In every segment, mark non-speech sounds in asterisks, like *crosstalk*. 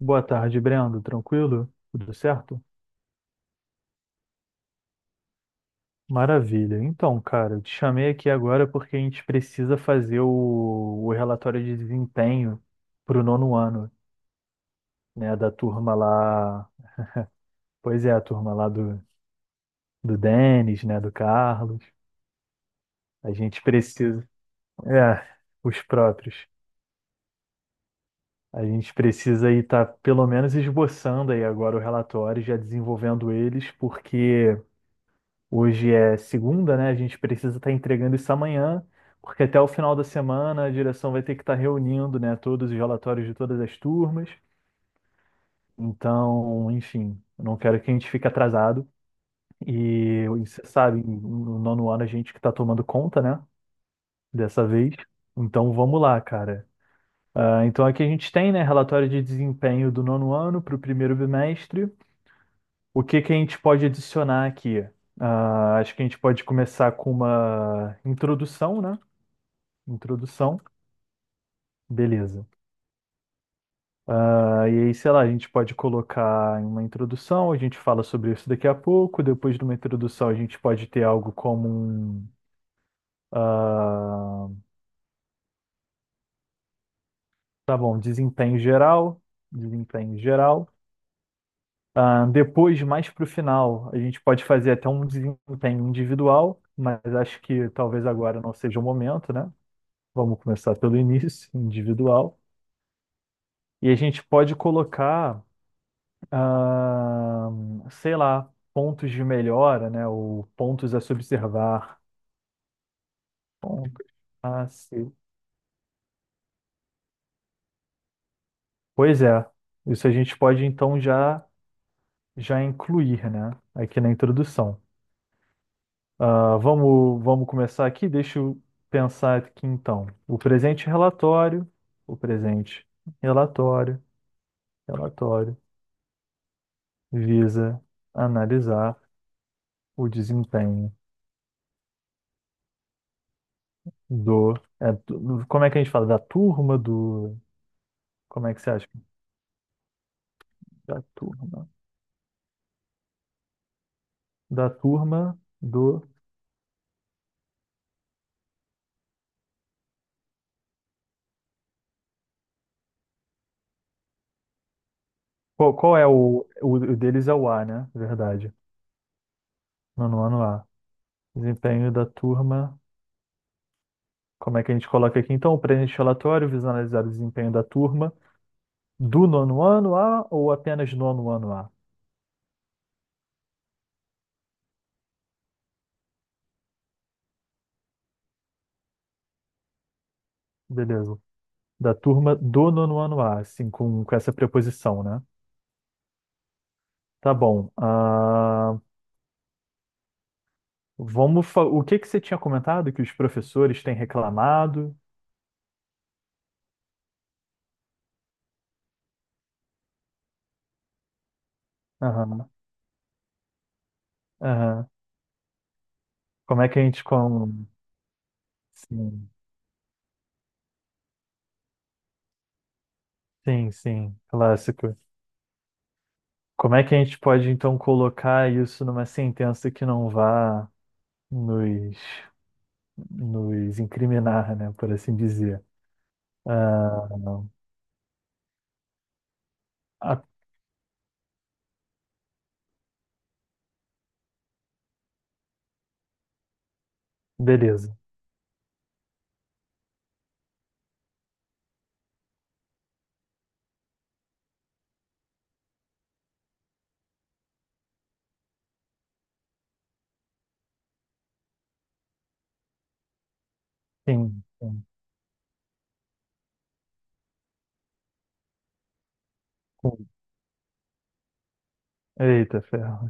Boa tarde, Brendo. Tranquilo? Tudo certo? Maravilha. Então, cara, eu te chamei aqui agora porque a gente precisa fazer o relatório de desempenho para o nono ano, né, da turma lá. Pois é, a turma lá do Denis, né, do Carlos. A gente precisa. É, os próprios. A gente precisa aí estar pelo menos esboçando aí agora o relatório, já desenvolvendo eles, porque hoje é segunda, né? A gente precisa estar entregando isso amanhã, porque até o final da semana a direção vai ter que estar reunindo, né, todos os relatórios de todas as turmas. Então, enfim, eu não quero que a gente fique atrasado. E você sabe, no nono ano a gente que está tomando conta, né? Dessa vez. Então vamos lá, cara. Então aqui a gente tem, né, relatório de desempenho do nono ano para o primeiro bimestre. O que que a gente pode adicionar aqui? Acho que a gente pode começar com uma introdução, né? Introdução, beleza. E aí, sei lá, a gente pode colocar em uma introdução, a gente fala sobre isso daqui a pouco. Depois de uma introdução, a gente pode ter algo como um, ah, tá bom, desempenho geral, desempenho geral. Depois, mais para o final, a gente pode fazer até um desempenho individual, mas acho que talvez agora não seja o momento, né? Vamos começar pelo início, *laughs* individual. E a gente pode colocar, ah, sei lá, pontos de melhora, né? Ou pontos a se observar. Pontos a se... Pois é, isso a gente pode então já incluir, né? Aqui na introdução. Vamos começar aqui? Deixa eu pensar aqui então. O presente relatório, o presente relatório, relatório, visa analisar o desempenho. Do. Como é que a gente fala? Da turma do. Como é que você acha? Da turma. Da turma do. Qual é o deles? É o A, né? Verdade. Nono ano A. Desempenho da turma. Como é que a gente coloca aqui? Então, o presente relatório visa analisar o desempenho da turma do nono ano A, ou apenas nono ano A? Beleza. Da turma do nono ano A, assim, com essa preposição, né? Tá bom. Vamos O que que você tinha comentado que os professores têm reclamado? Aham, aham. Como é que a gente com... Sim, sim, sim, clássico. Como é que a gente pode então colocar isso numa sentença que não vá nos, nos incriminar, né, por assim dizer? Ah, não. Ah, beleza. Sim, sim, sim. Eita, ferro.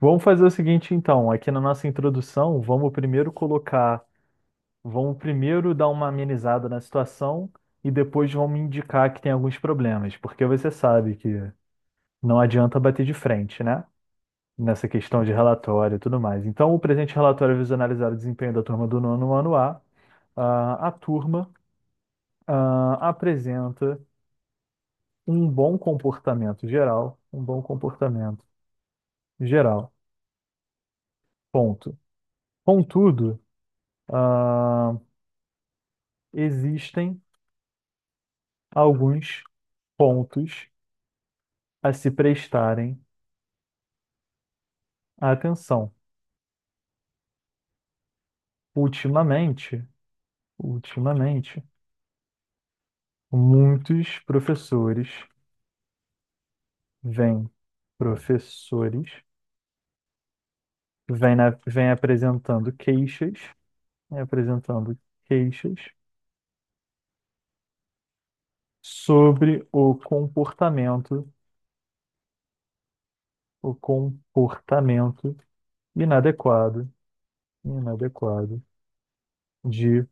Vamos fazer o seguinte então: aqui na nossa introdução, vamos primeiro colocar, vão primeiro dar uma amenizada na situação, e depois vão me indicar que tem alguns problemas, porque você sabe que não adianta bater de frente, né? Nessa questão de relatório e tudo mais. Então, o presente relatório visa analisar o desempenho da turma do nono ano A. A turma, apresenta um bom comportamento geral, um bom comportamento geral, ponto. Contudo, ah, existem alguns pontos a se prestarem atenção. Ultimamente, ultimamente, muitos professores vêm, professores vêm apresentando vêm apresentando queixas sobre o comportamento inadequado, inadequado de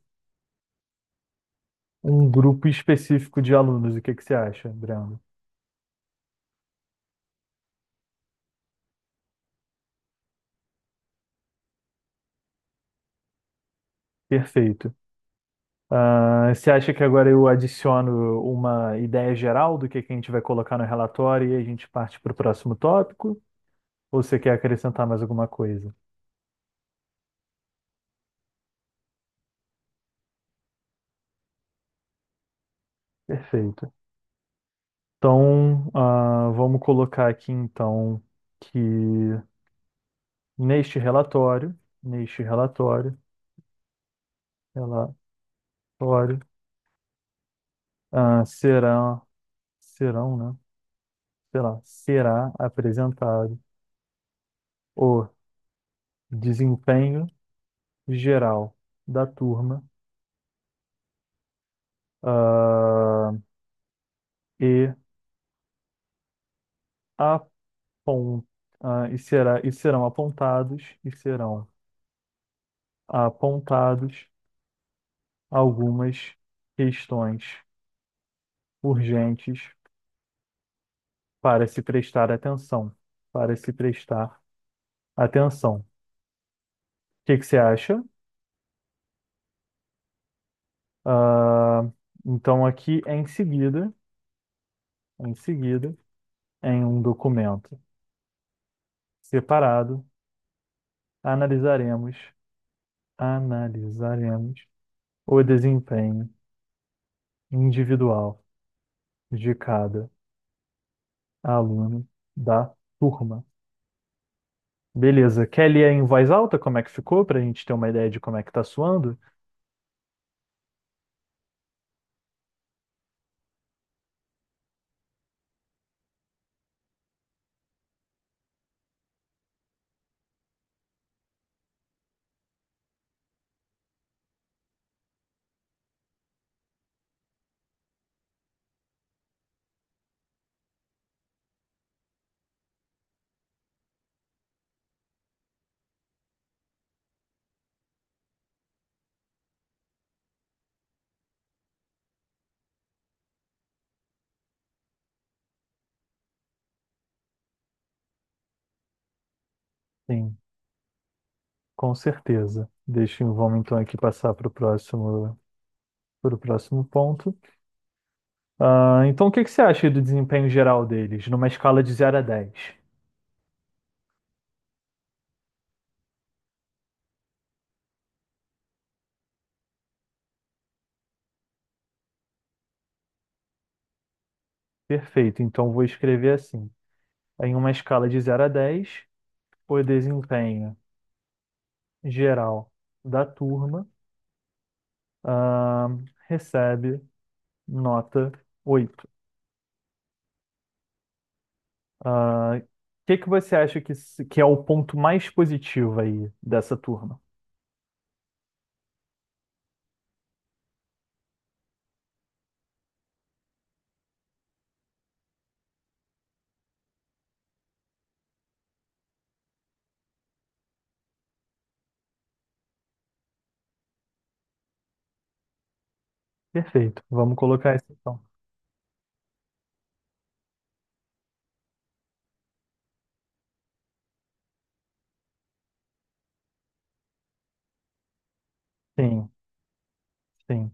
um grupo específico de alunos. O que que você acha, Brando? Perfeito. Você acha que agora eu adiciono uma ideia geral do que a gente vai colocar no relatório e a gente parte para o próximo tópico? Ou você quer acrescentar mais alguma coisa? Perfeito. Então, vamos colocar aqui então que neste relatório, neste relatório, será, serão, né? Sei lá, será apresentado o desempenho geral da turma, ah, e apon, e será, e serão apontados algumas questões urgentes para se prestar atenção, para se prestar atenção. O que que você acha? Ah, então aqui é em seguida, em um documento separado, analisaremos, analisaremos o desempenho individual de cada aluno da turma. Beleza. Quer ler em voz alta como é que ficou, para a gente ter uma ideia de como é que está soando? Sim, com certeza. Vamos então aqui passar para o próximo ponto. Então, o que que você acha do desempenho geral deles, numa escala de 0 a 10? Perfeito. Então, vou escrever assim. Em uma escala de 0 a 10, o desempenho geral da turma, ah, recebe nota 8. O que que você acha que, que é o ponto mais positivo aí dessa turma? Perfeito. Vamos colocar isso então. Sim, sim,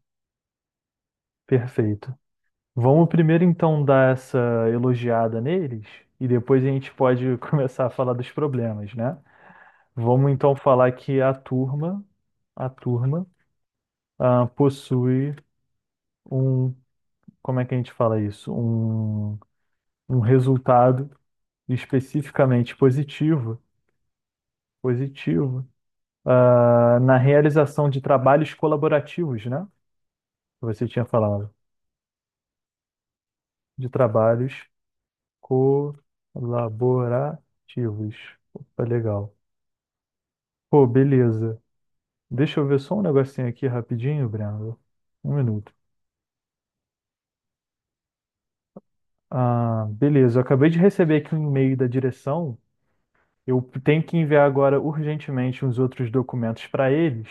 perfeito. Vamos primeiro então dar essa elogiada neles e depois a gente pode *laughs* começar a falar dos problemas, né? Vamos então falar que a turma, possui um, como é que a gente fala isso? Um resultado especificamente positivo, na realização de trabalhos colaborativos, né? Que você tinha falado de trabalhos colaborativos. Opa, legal. Pô, beleza. Deixa eu ver só um negocinho aqui rapidinho, Breno. Um minuto. Ah, beleza, eu acabei de receber aqui um e-mail da direção. Eu tenho que enviar agora urgentemente uns outros documentos para eles.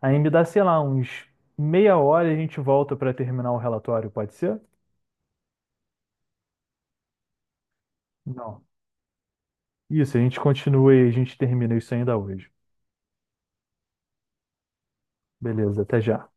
Aí me dá, sei lá, uns meia hora, e a gente volta para terminar o relatório, pode ser? Não. Isso, a gente continua e a gente termina isso ainda hoje. Beleza, até já.